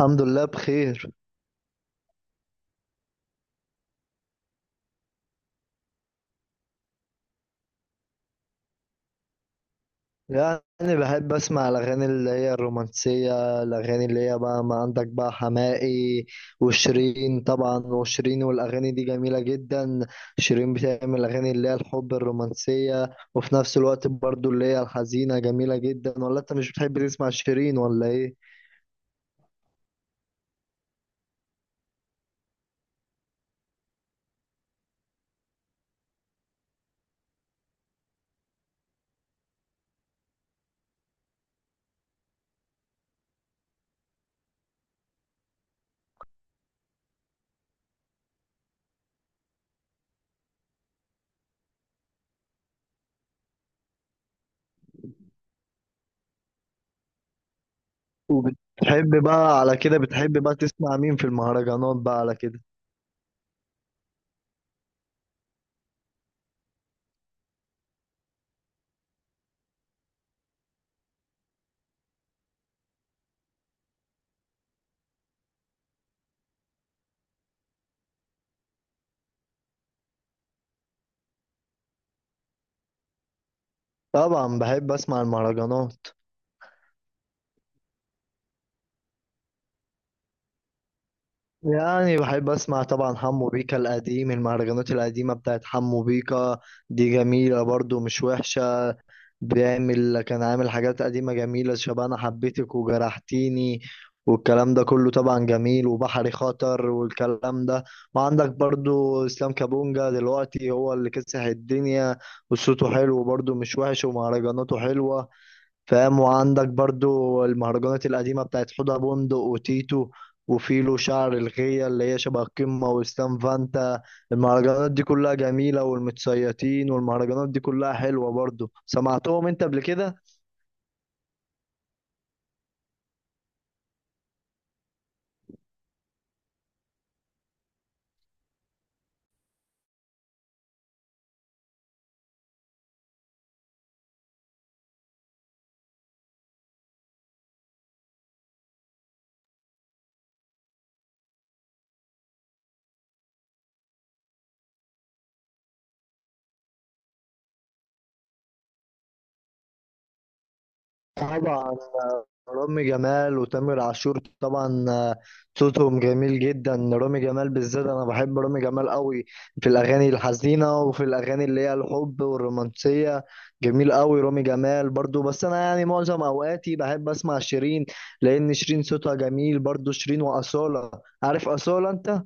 الحمد لله بخير. يعني بحب اسمع الاغاني اللي هي الرومانسيه، الاغاني اللي هي بقى ما عندك بقى حماقي وشيرين طبعا، وشيرين والاغاني دي جميله جدا. شيرين بتعمل اغاني اللي هي الحب الرومانسيه، وفي نفس الوقت برضو اللي هي الحزينه جميله جدا. ولا انت مش بتحب تسمع شيرين ولا ايه؟ وبتحب بقى على كده بتحب بقى تسمع مين في المهرجانات بقى على كده؟ طبعا بحب اسمع المهرجانات. بحب اسمع طبعا حمو بيكا القديم، المهرجانات القديمة بتاعت حمو بيكا دي جميلة برضو مش وحشة. بيعمل كان عامل حاجات قديمة جميلة شبه انا حبيتك وجرحتيني والكلام ده كله طبعا جميل، وبحري خطر والكلام ده. وعندك برضو اسلام كابونجا دلوقتي هو اللي كسح الدنيا، وصوته حلو برضو مش وحش ومهرجاناته حلوة، فاهم؟ وعندك برضو المهرجانات القديمة بتاعت حوضة بندق وتيتو وفيلو شعر الغية اللي هي شبه القمة وستان فانتا. المهرجانات دي كلها جميلة، والمتسيطين والمهرجانات دي كلها حلوة برضو. سمعتهم انت قبل كده؟ طبعا. رامي جمال وتامر عاشور طبعا. صوتهم جميل جدا. رامي جمال بالذات انا بحب رامي جمال قوي في الاغاني الحزينه وفي الاغاني اللي هي الحب والرومانسيه. جميل قوي رامي جمال برضو، بس انا معظم اوقاتي بحب اسمع شيرين، لان شيرين صوتها جميل برضو، شيرين واصاله. عارف اصاله انت؟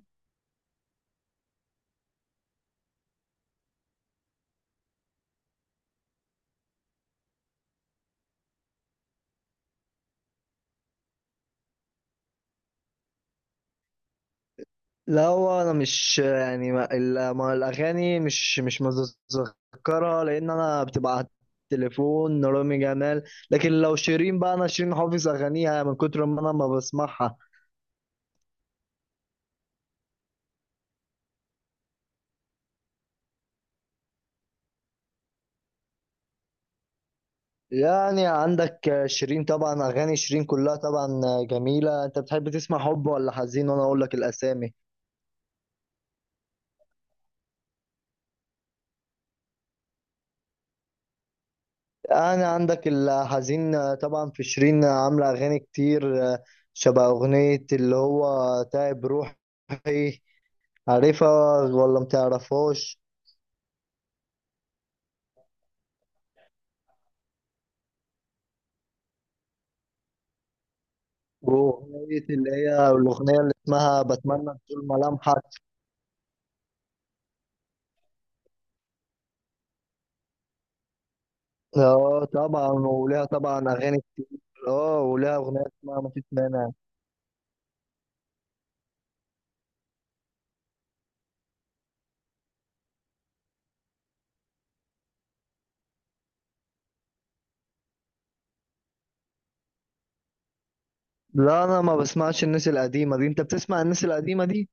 لا هو انا مش ما, ال- ما الاغاني مش متذكرها، لان انا بتبقى على التليفون. رامي جمال لكن لو شيرين بقى، انا شيرين حافظ اغانيها من كتر ما انا ما بسمعها. عندك شيرين طبعا، اغاني شيرين كلها طبعا جميله. انت بتحب تسمع حب ولا حزين وانا اقول لك الاسامي؟ عندك الحزين طبعا، في شيرين عامله اغاني كتير شبه اغنيه اللي هو تعب روحي. عارفها ولا متعرفهاش؟ اوه، أغنية اللي هي الأغنية اللي اسمها بتمنى تزول ملامحك. اه طبعا، وليها طبعا أغاني كتير. اه وليها أغنية اسمها مفيش مانع. لا أنا ما بسمعش الناس القديمة دي. أنت بتسمع الناس القديمة دي؟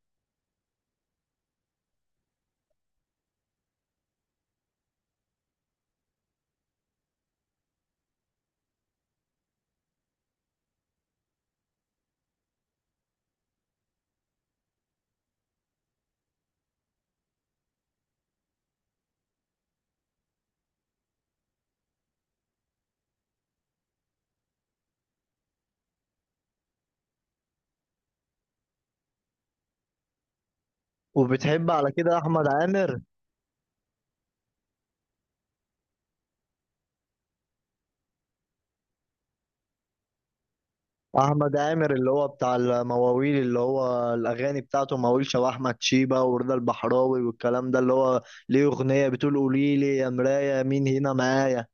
وبتحب على كده أحمد عامر؟ أحمد عامر اللي هو بتاع المواويل، اللي هو الأغاني بتاعته مواويل شبه أحمد شيبة ورضا البحراوي والكلام ده. اللي هو ليه أغنية بتقول قولي لي يا مراية مين هنا معايا.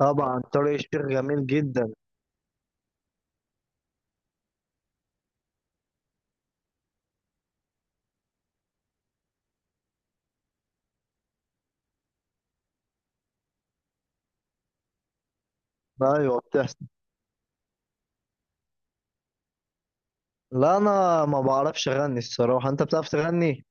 طبعا طارق الشيخ جميل جدا. ايوه، بتحصل. لا انا ما بعرفش اغني الصراحه. انت بتعرف تغني؟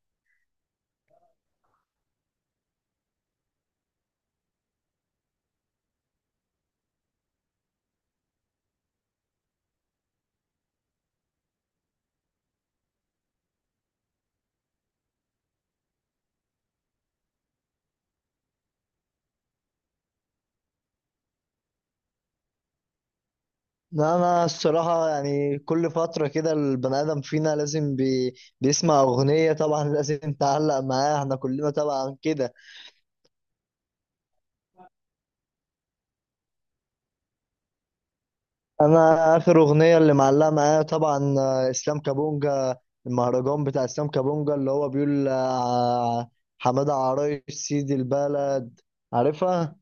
لا انا الصراحه كل فتره كده البني ادم فينا لازم بيسمع اغنيه، طبعا لازم تعلق معاها، احنا كلنا طبعا كده. انا اخر اغنيه اللي معلقه معايا طبعا اسلام كابونجا. المهرجان بتاع اسلام كابونجا اللي هو بيقول حماده عرايش سيد البلد. عارفها؟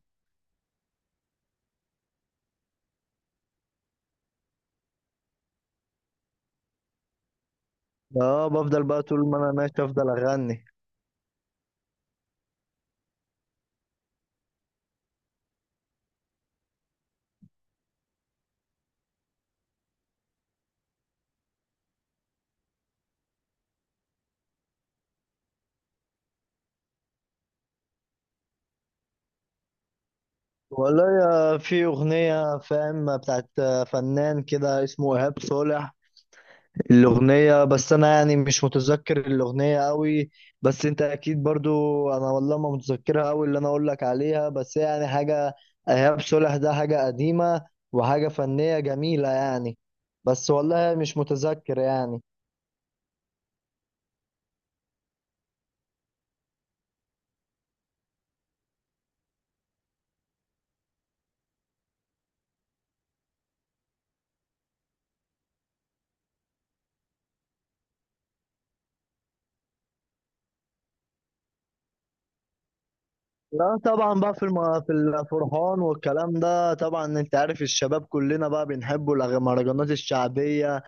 اه، بفضل بقى طول ما انا ماشي افضل اغني. والله في أغنية، فاهم، بتاعت فنان كده اسمه إيهاب صالح. الأغنية بس أنا مش متذكر الأغنية قوي، بس أنت أكيد برضو. أنا والله ما متذكرها قوي اللي أنا أقول لك عليها، بس حاجة. إيهاب صالح ده حاجة قديمة وحاجة فنية جميلة بس والله مش متذكر لا طبعا بقى في في الفرحان والكلام ده طبعا، انت عارف الشباب كلنا بقى بنحبوا المهرجانات الشعبية،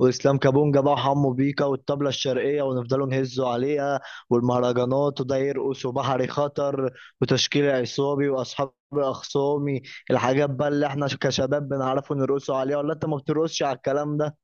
واسلام كابونجا بقى وحمو بيكا والطبله الشرقيه، ونفضلوا نهزوا عليها. والمهرجانات وده يرقص، وبحري خطر وتشكيل عصابي واصحاب اخصامي، الحاجات بقى اللي احنا كشباب بنعرفوا نرقصوا عليها. ولا انت ما بترقصش على الكلام ده؟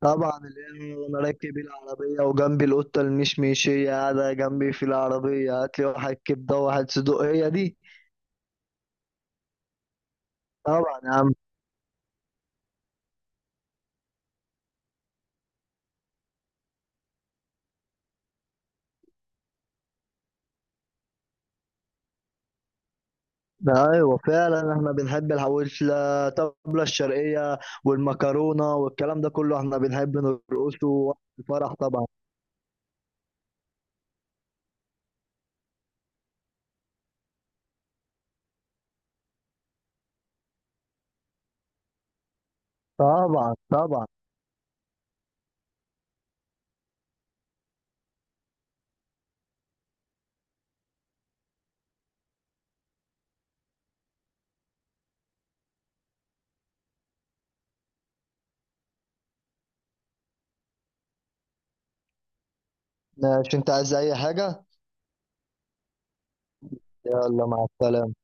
طبعا القهوة وانا راكب العربيه وجنبي القطه المشمشيه قاعده جنبي في العربيه هات لي واحد كبده وواحد صدوق، هي دي. طبعا يا عم. ده ايوه فعلا، احنا بنحب الحواوشي الطبله الشرقيه والمكرونه والكلام ده كله، احنا بنحب نرقصه وقت الفرح طبعا. طبعا. طبعا ماشي. انت عايز اي حاجه؟ يلا مع السلامه.